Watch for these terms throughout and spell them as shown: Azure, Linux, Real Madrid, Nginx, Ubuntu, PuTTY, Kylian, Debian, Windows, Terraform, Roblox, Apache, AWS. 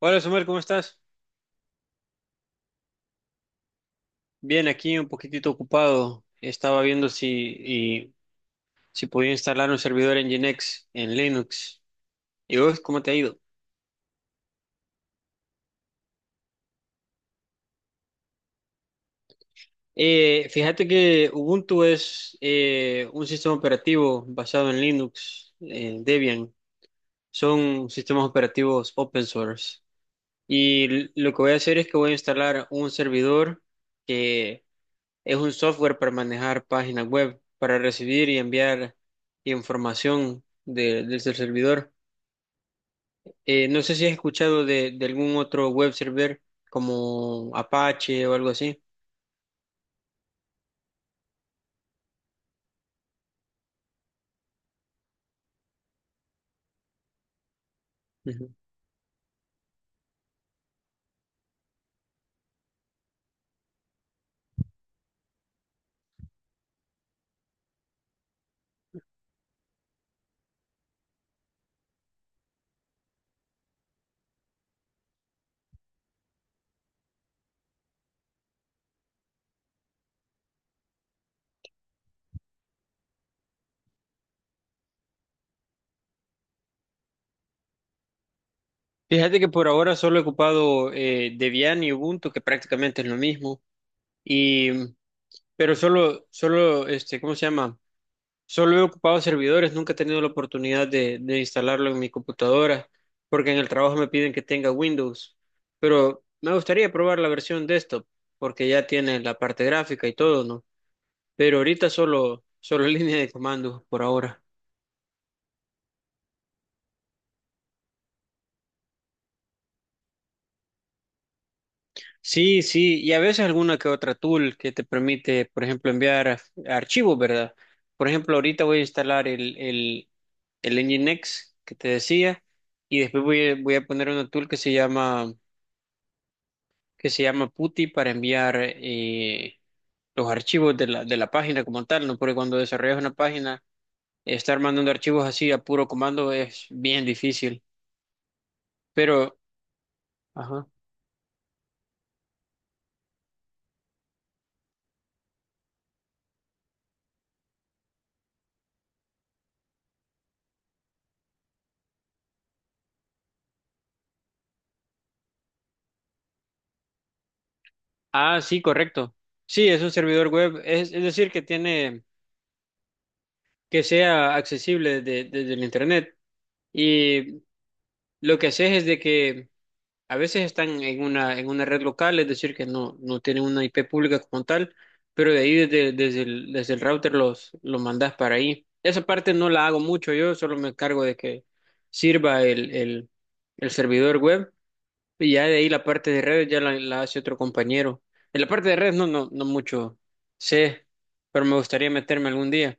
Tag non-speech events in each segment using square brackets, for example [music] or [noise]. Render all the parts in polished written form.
Hola, Somer, ¿cómo estás? Bien, aquí un poquitito ocupado. Estaba viendo si podía instalar un servidor en Nginx, en Linux. ¿Y vos, cómo te ha ido? Fíjate que Ubuntu es un sistema operativo basado en Linux, en Debian. Son sistemas operativos open source. Y lo que voy a hacer es que voy a instalar un servidor. Es un software para manejar páginas web, para recibir y enviar desde el servidor. No sé si has escuchado de algún otro web server como Apache o algo así. Ujú. Fíjate que por ahora solo he ocupado Debian y Ubuntu, que prácticamente es lo mismo. Y pero ¿cómo se llama? Solo he ocupado servidores, nunca he tenido la oportunidad de instalarlo en mi computadora, porque en el trabajo me piden que tenga Windows. Pero me gustaría probar la versión desktop, porque ya tiene la parte gráfica y todo, ¿no? Pero ahorita solo [laughs] línea de comando por ahora. Sí, sí, y a veces alguna que otra tool que te permite, por ejemplo, archivos, ¿verdad? Por ejemplo, ahorita voy a instalar el Nginx que te decía, y después voy a poner una tool que se llama PuTTY para enviar los archivos de la página como tal, ¿no? Porque cuando desarrollas una página, estar mandando archivos así a puro comando es bien difícil. Pero, ajá. Ah, sí, correcto. Sí, es un servidor web, es decir, que tiene, que sea desde el internet. Y lo que haces es de que a veces están en una red local, es decir, que no tienen una IP pública como tal, pero de ahí desde el router los mandas para ahí. Esa parte no la hago mucho yo, solo me encargo de que sirva el servidor web y ya de ahí la parte de redes ya la hace otro compañero. En la parte de redes no mucho sé, pero me gustaría meterme algún día.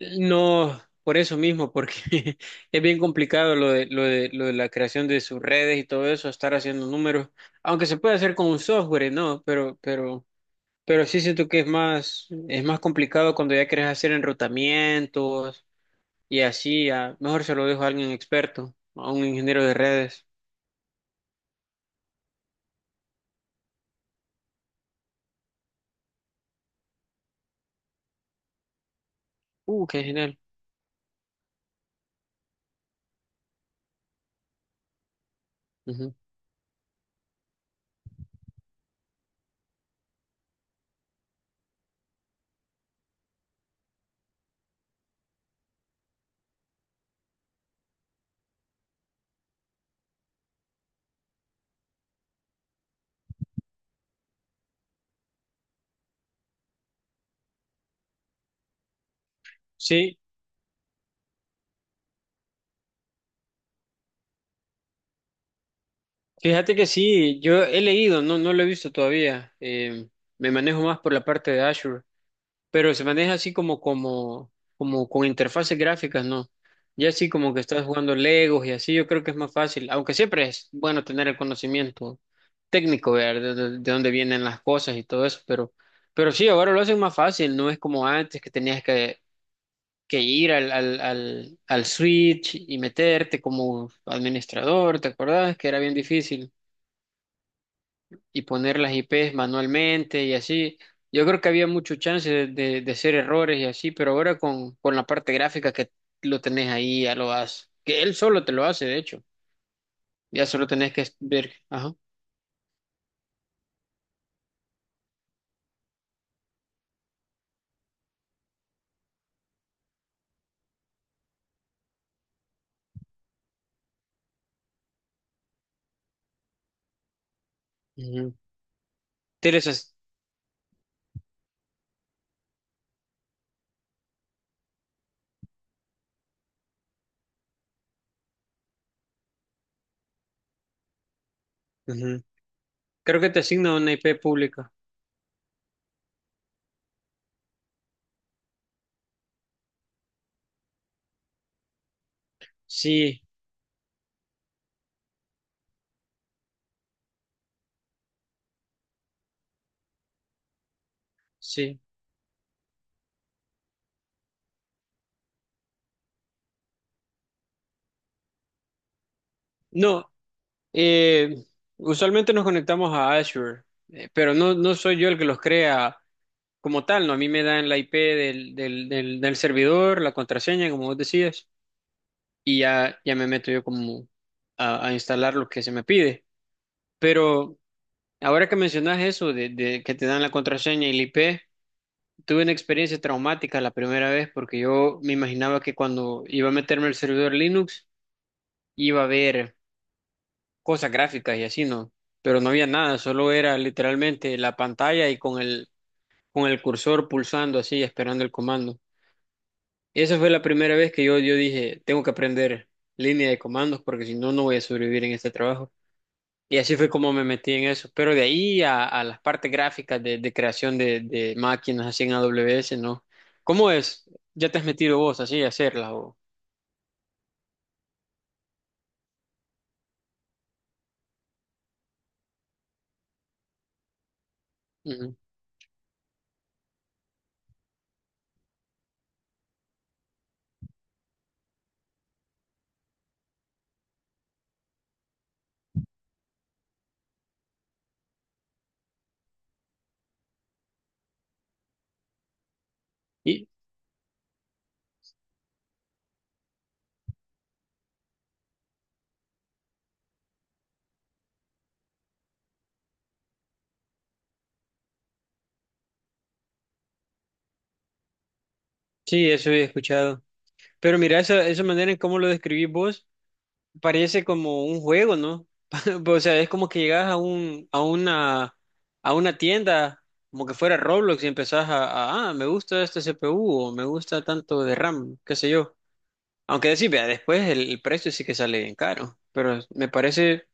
No, por eso mismo, porque [laughs] es bien complicado lo de, lo de la creación de sus redes y todo eso, estar haciendo números, aunque se puede hacer con un software, ¿no? Pero sí siento que es más complicado cuando ya quieres hacer enrutamientos y así, mejor se lo dejo a alguien experto, a un ingeniero de redes. Qué genial. Ujú. Sí, fíjate que sí, yo he leído, no, no lo he visto todavía. Me manejo más por la parte de Azure, pero se maneja así como, como con interfaces gráficas, ¿no? Ya así como que estás jugando Legos y así, yo creo que es más fácil, aunque siempre es bueno tener el conocimiento técnico, ver de dónde vienen las cosas y todo eso, pero sí, ahora lo hacen más fácil, no es como antes que tenías que ir al Switch y meterte como administrador, ¿te acordás? Que era bien difícil y poner las IPs manualmente y así. Yo creo que había mucho chance de hacer errores y así, pero ahora con la parte gráfica que lo tenés ahí, ya lo haces. Que él solo te lo hace, de hecho. Ya solo tenés que ver. Ajá. Ujú. Tienes as- ujú. Creo que te asigna una IP pública. Sí, sí. No, eh, usualmente nos conectamos a Azure, pero no, no soy yo el que los crea como tal, ¿no? A mí me dan la IP del servidor, la contraseña, como vos decías. Y ya, ya me meto yo como a instalar lo que se me pide. Pero ahora que mencionas eso de que te dan la contraseña y el IP, tuve una experiencia traumática la primera vez porque yo me imaginaba que cuando iba a meterme al servidor Linux iba a haber cosas gráficas y así, ¿no? Pero no había nada, solo era literalmente la pantalla y con el cursor pulsando así, esperando el comando. Esa fue la primera vez que yo dije, tengo que aprender línea de comandos porque si no, no voy a sobrevivir en este trabajo. Y así fue como me metí en eso. Pero de ahí a las partes gráficas de creación de máquinas así en AWS, ¿no? ¿Cómo es? ¿Ya te has metido vos así a hacerlas? O... Ujú. Y, sí, eso he escuchado. Pero mira, esa manera en cómo lo describís vos parece como un juego, ¿no? [laughs] O sea, es como que llegas a a una tienda, como que fuera Roblox y empezás me gusta este CPU o me gusta tanto de RAM, qué sé yo. Aunque decir, vea, después el precio sí que sale bien caro, pero me parece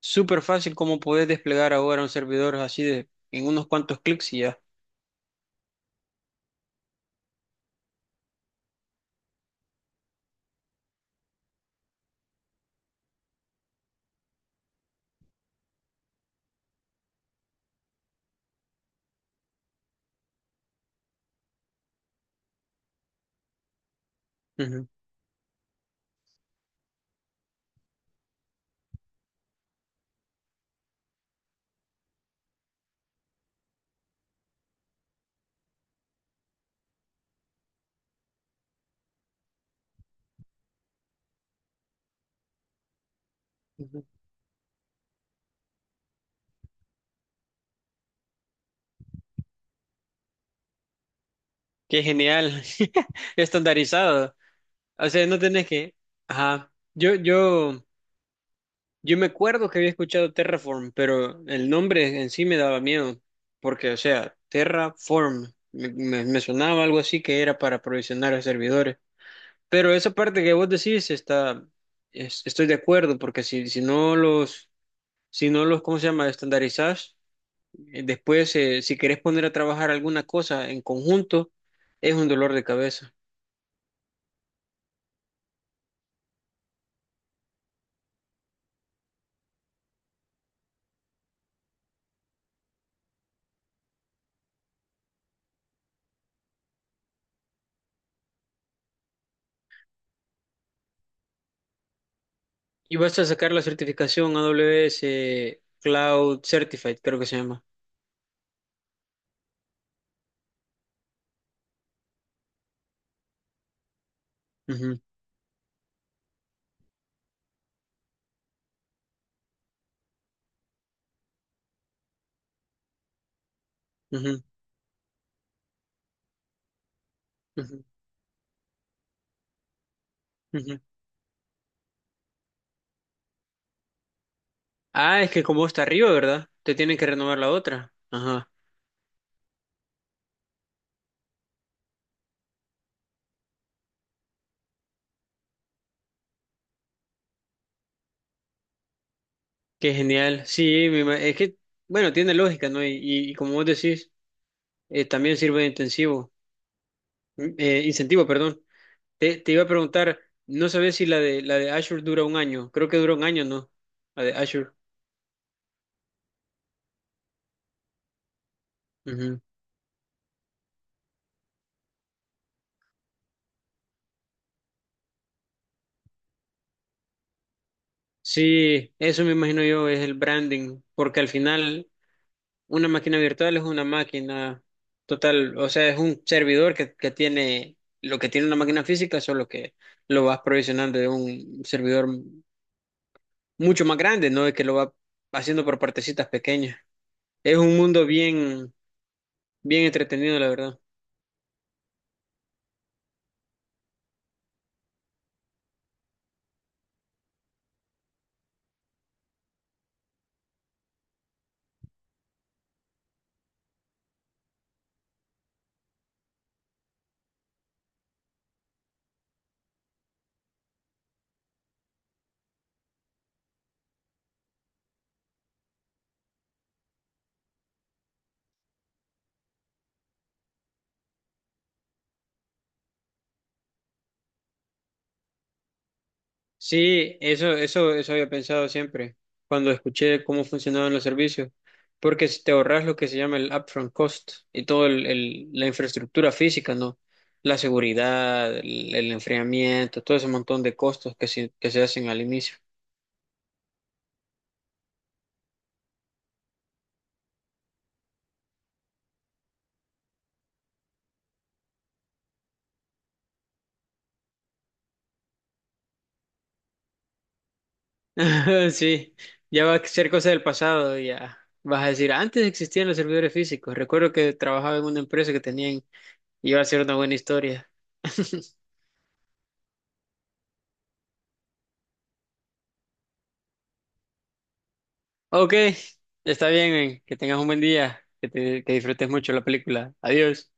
súper fácil cómo podés desplegar ahora un servidor así de en unos cuantos clics y ya. Ujú, ujú. Qué genial, [laughs] estandarizado. O sea, no tenés que... Ajá, yo me acuerdo que había escuchado Terraform, pero el nombre en sí me daba miedo, porque, o sea, Terraform, me sonaba algo así que era para provisionar servidores. Pero esa parte que vos decís está, estoy de acuerdo, porque si no los, ¿cómo se llama? Estandarizás, después si querés poner a trabajar alguna cosa en conjunto, es un dolor de cabeza. Y vas a sacar la certificación AWS Cloud Certified, creo que se llama. Ujú, ujú, ujú, ujú. Ah, es que como está arriba, ¿verdad? Te tienen que renovar la otra. Ajá, qué genial. Sí, me ima- es que, bueno, tiene lógica, ¿no? Y como vos decís. También sirve de intensivo, incentivo, perdón. Te iba a preguntar, no sabía si la de Azure dura 1 año. Creo que dura 1 año, ¿no? La de Azure. Ujú. Sí, eso me imagino yo es el branding, porque al final una máquina virtual es una máquina total, o sea, es un servidor que tiene lo que tiene una máquina física, solo que lo vas provisionando de un servidor mucho más grande, no es que lo va haciendo por partecitas pequeñas. Es un mundo bien, bien entretenido, la verdad. Sí, eso había pensado siempre, cuando escuché cómo funcionaban los servicios, porque si te ahorras lo que se llama el upfront cost y todo la infraestructura física, ¿no? La seguridad, el enfriamiento, todo ese montón de costos que que se hacen al inicio. [laughs] Sí, ya va a ser cosa del pasado, ya vas a decir, antes existían los servidores físicos, recuerdo que trabajaba en una empresa que tenían, y iba a ser una buena historia. [laughs] Ok, está bien, que tengas un buen día, que disfrutes mucho la película. Adiós.